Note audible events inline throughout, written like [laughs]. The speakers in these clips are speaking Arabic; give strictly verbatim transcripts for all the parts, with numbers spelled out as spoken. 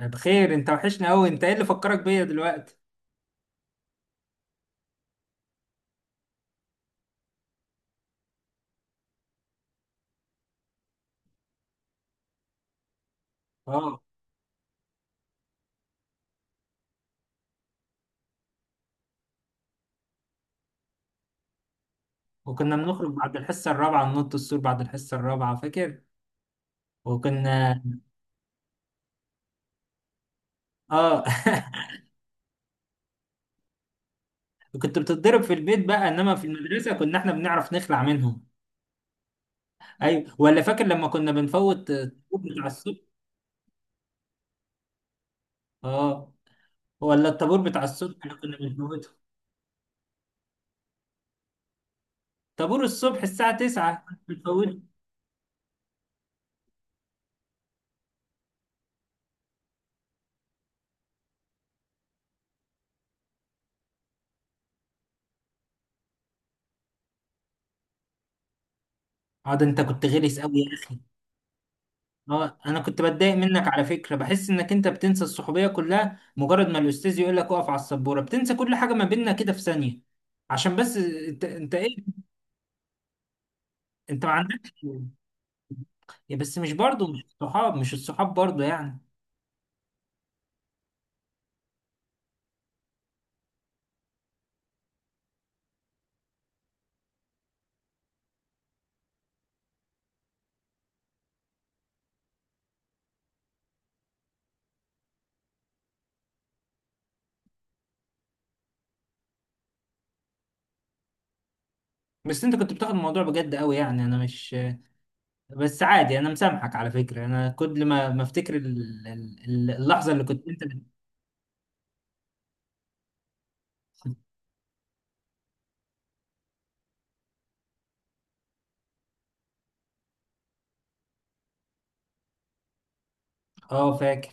أنا بخير. انت وحشنا قوي، انت ايه اللي فكرك بيا دلوقتي؟ اه. وكنا بنخرج بعد الحصه الرابعه، ننط السور بعد الحصه الرابعه، فاكر؟ وكنا. اه. [laughs] كنت بتتضرب في البيت بقى، انما في المدرسه كنا احنا بنعرف نخلع منهم. ايوه، ولا فاكر لما كنا بنفوت الطابور بتاع الصبح؟ اه. ولا الطابور بتاع الصبح اللي كنا بنفوته، طابور الصبح الساعه تسعة كنت بتفوته. اه، ده انت كنت غلس قوي يا اخي. اه، انا كنت بتضايق منك على فكره، بحس انك انت بتنسى الصحوبيه كلها مجرد ما الاستاذ يقول لك اقف على السبوره، بتنسى كل حاجه ما بيننا كده في ثانيه. عشان بس انت انت ايه. انت ما عندكش. يا بس مش برضه، مش الصحاب مش الصحاب برضه يعني. بس انت كنت بتاخد الموضوع بجد قوي، يعني انا مش. بس عادي، انا مسامحك على فكره. انا كل ما ما افتكر ال- ال- اللحظه اللي كنت انت بت- اه، فاكر.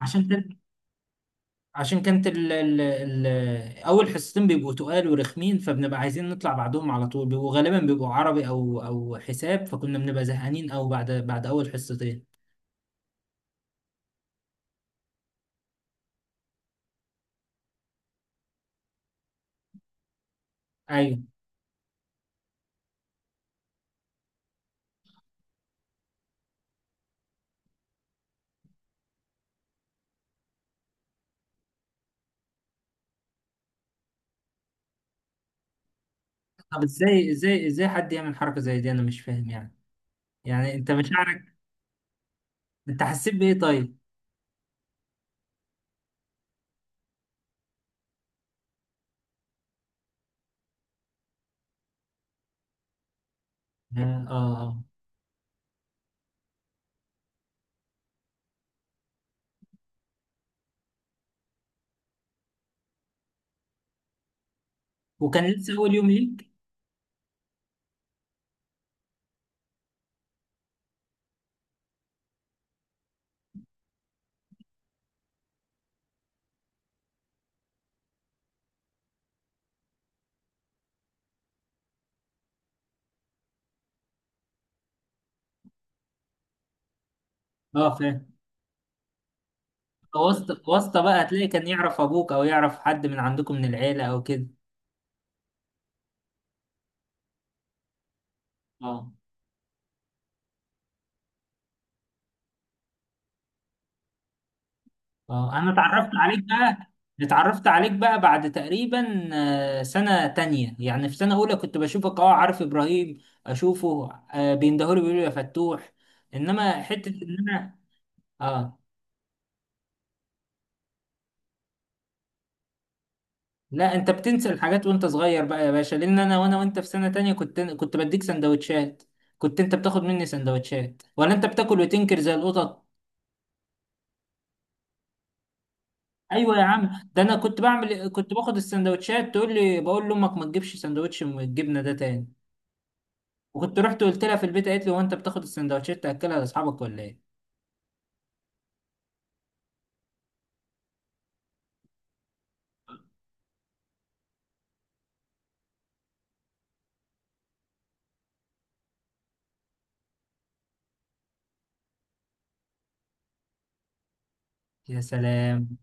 عشان عشان كانت ال ال ال اول حصتين بيبقوا تقال ورخمين، فبنبقى عايزين نطلع بعدهم على طول، بيبقوا غالبا بيبقوا عربي او او حساب، فكنا بنبقى زهقانين او بعد بعد اول حصتين. ايوه. طب ازاي ازاي ازاي حد يعمل حركه زي دي؟ انا مش فاهم يعني. يعني انت مشاعرك، انت حسيت بايه طيب؟ اه، اه. وكان لسه اول يوم ليك. اه، فاهم. واسطه واسطه بقى، هتلاقي كان يعرف ابوك او يعرف حد من عندكم من العيله او كده. اه، اه. انا اتعرفت عليك بقى. اتعرفت عليك بقى بعد تقريبا آه، سنة تانية، يعني في سنة اولى كنت بشوفك، اه عارف ابراهيم اشوفه، آه، بيندهولي بيقولوا يا فتوح. انما حتة ان انا. اه. لا، انت بتنسى الحاجات وانت صغير بقى يا باشا، لان انا وانا وانت في سنة تانية كنت كنت بديك سندوتشات. كنت انت بتاخد مني سندوتشات، ولا انت بتاكل وتنكر زي القطط؟ ايوه يا عم، ده انا كنت بعمل كنت باخد السندوتشات، تقول لي بقول لامك ما تجيبش سندوتش من الجبنة ده تاني. وكنت رحت وقلت لها في البيت، قالت لي هو انت بتاخد السندوتشات تاكلها لاصحابك ولا ايه؟ يا سلام.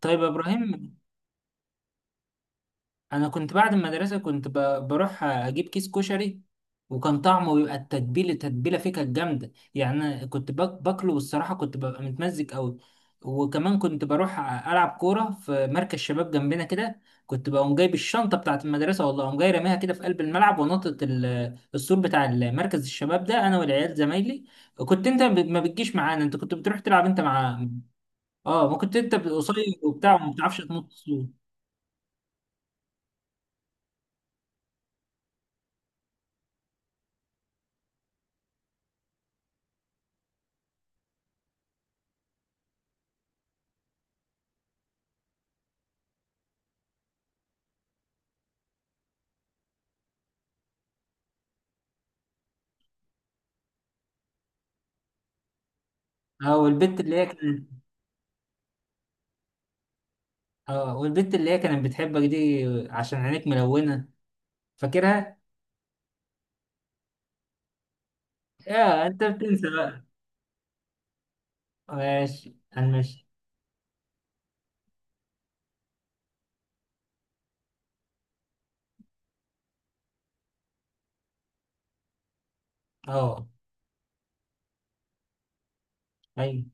طيب يا ابراهيم. انا كنت بعد المدرسه كنت ب- بروح اجيب كيس كشري، وكان طعمه بيبقى، التتبيله التتبيله فيه كانت جامده، يعني أنا كنت باك- باكله والصراحه كنت ببقى متمزج قوي. وكمان كنت بروح العب كوره في مركز شباب جنبنا كده. كنت بقوم جايب الشنطه بتاعت المدرسه، والله اقوم جاي راميها كده في قلب الملعب، ونطت ال- السور بتاع مركز الشباب، ده انا والعيال زمايلي. كنت انت ب- ما بتجيش معانا، انت كنت بتروح تلعب انت مع. اه، ما كنت انت قصير. وبتاع وما بتعرفش تنط السور. اه والبت اللي هي كانت اه والبنت اللي هي كانت بتحبك دي عشان عينيك ملونة، فاكرها؟ يا انت بتنسى بقى. ماشي، هنمشي. اه، ايوه،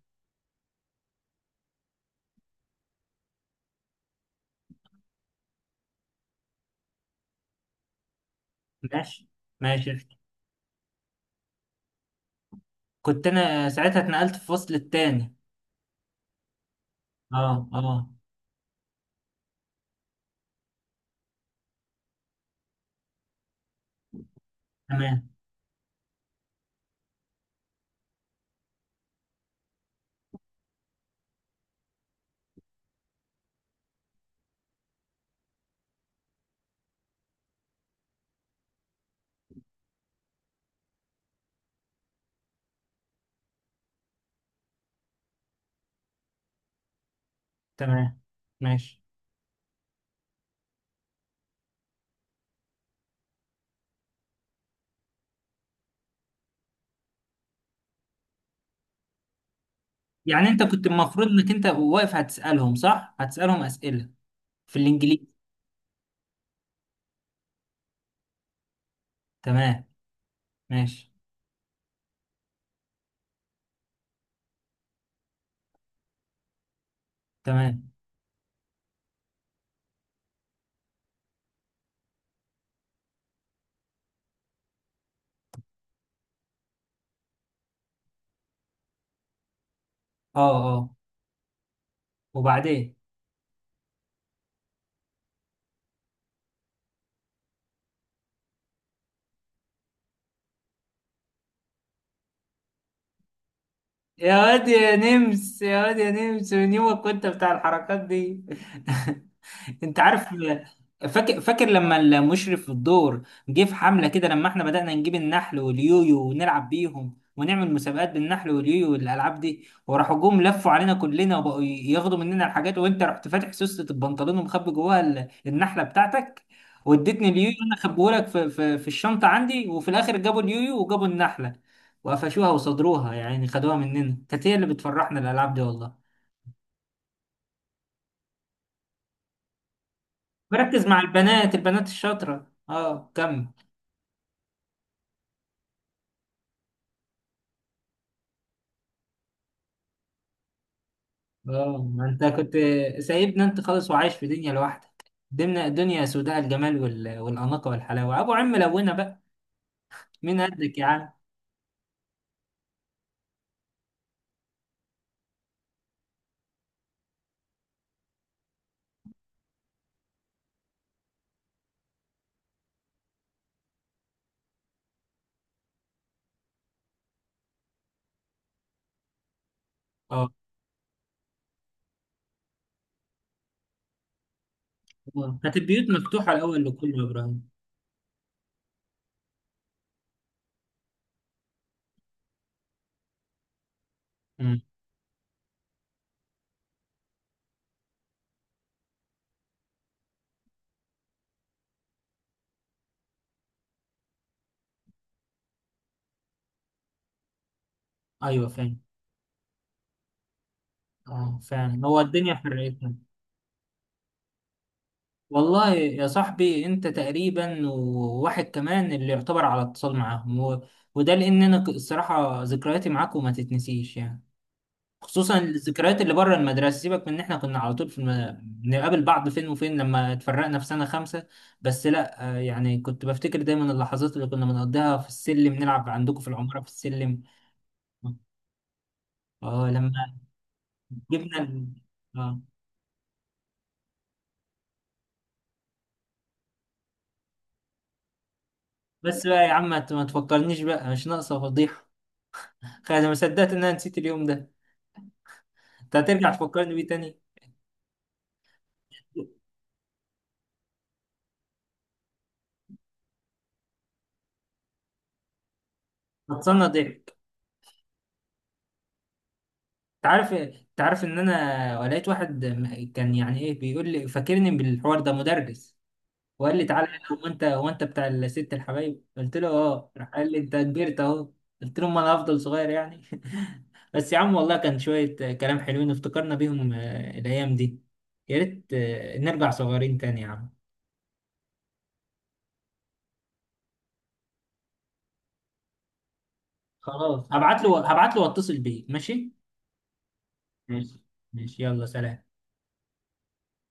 ماشي، ماشي. كنت انا ساعتها اتنقلت في الفصل التاني. اه، اه، تمام. تمام، ماشي. يعني انت كنت المفروض انك انت واقف هتسألهم، صح؟ هتسألهم أسئلة في الانجليزي. تمام، ماشي. تمام. اه، اه، وبعدين. يا واد يا نمس، يا واد يا نمس، من يومك كنت بتاع الحركات دي. [laughs] انت عارف، فاكر، فاكر لما المشرف في الدور جه في حمله كده لما احنا بدأنا نجيب النحل واليويو ونلعب بيهم ونعمل مسابقات بالنحل واليويو والالعاب دي، وراحوا جم لفوا علينا كلنا وبقوا ياخدوا مننا الحاجات، وانت رحت فاتح سوسة البنطلون ومخبي جواها ال- النحله بتاعتك، واديتني اليويو انا، خبيهولك في, في, في, الشنطه عندي. وفي الاخر جابوا اليويو وجابوا النحله، وقفشوها وصدروها يعني، خدوها مننا. كانت هي اللي بتفرحنا الالعاب دي والله. بركز مع البنات، البنات الشاطره. اه، كمل. اه، ما انت كنت سايبنا انت خالص، وعايش في دنيا لوحدك. دمنا دنيا سوداء، الجمال وال... والاناقه والحلاوه ابو عم لونا بقى. مين قدك يا عم. اه. آه. كانت البيوت مفتوحه الاول لكله يا ابراهيم. امم. ايوه، فاهم. اه، فعلا، هو الدنيا حرقتنا. والله يا صاحبي انت تقريبا وواحد كمان اللي يعتبر على اتصال معاهم و... وده لان انا ك- الصراحه ذكرياتي معاكم ما تتنسيش يعني، خصوصا الذكريات اللي بره المدرسه، سيبك من ان احنا كنا على طول في الم... بنقابل بعض فين وفين لما اتفرقنا في سنه خمسه. بس لا، آه، يعني كنت بفتكر دايما اللحظات اللي كنا بنقضيها في السلم نلعب عندكم في العماره في السلم. اه، لما جبنا ال... اه، بس بقى يا عم، ما ت- ما تفكرنيش بقى، مش ناقصه فضيحه. خلاص، انا ما صدقت ان انا نسيت اليوم ده، انت هترجع تفكرني بيه تاني؟ هتصنع ضحك. انت عارف انت عارف ان انا لقيت واحد م- كان يعني ايه بيقول لي فاكرني بالحوار ده، مدرس، وقال لي تعالى هنا، هو انت هو انت بتاع الست الحبايب؟ قلت له اه، راح قال لي انت كبرت اهو. قلت له ما انا هفضل صغير يعني. [laughs] بس يا عم والله كان شوية كلام حلوين افتكرنا بيهم، آه، الايام دي. يا ريت آه، نرجع صغيرين تاني يا عم. خلاص، هبعت له هبعت له واتصل بيه. ماشي. ماشي، ماشي، يلا سلام.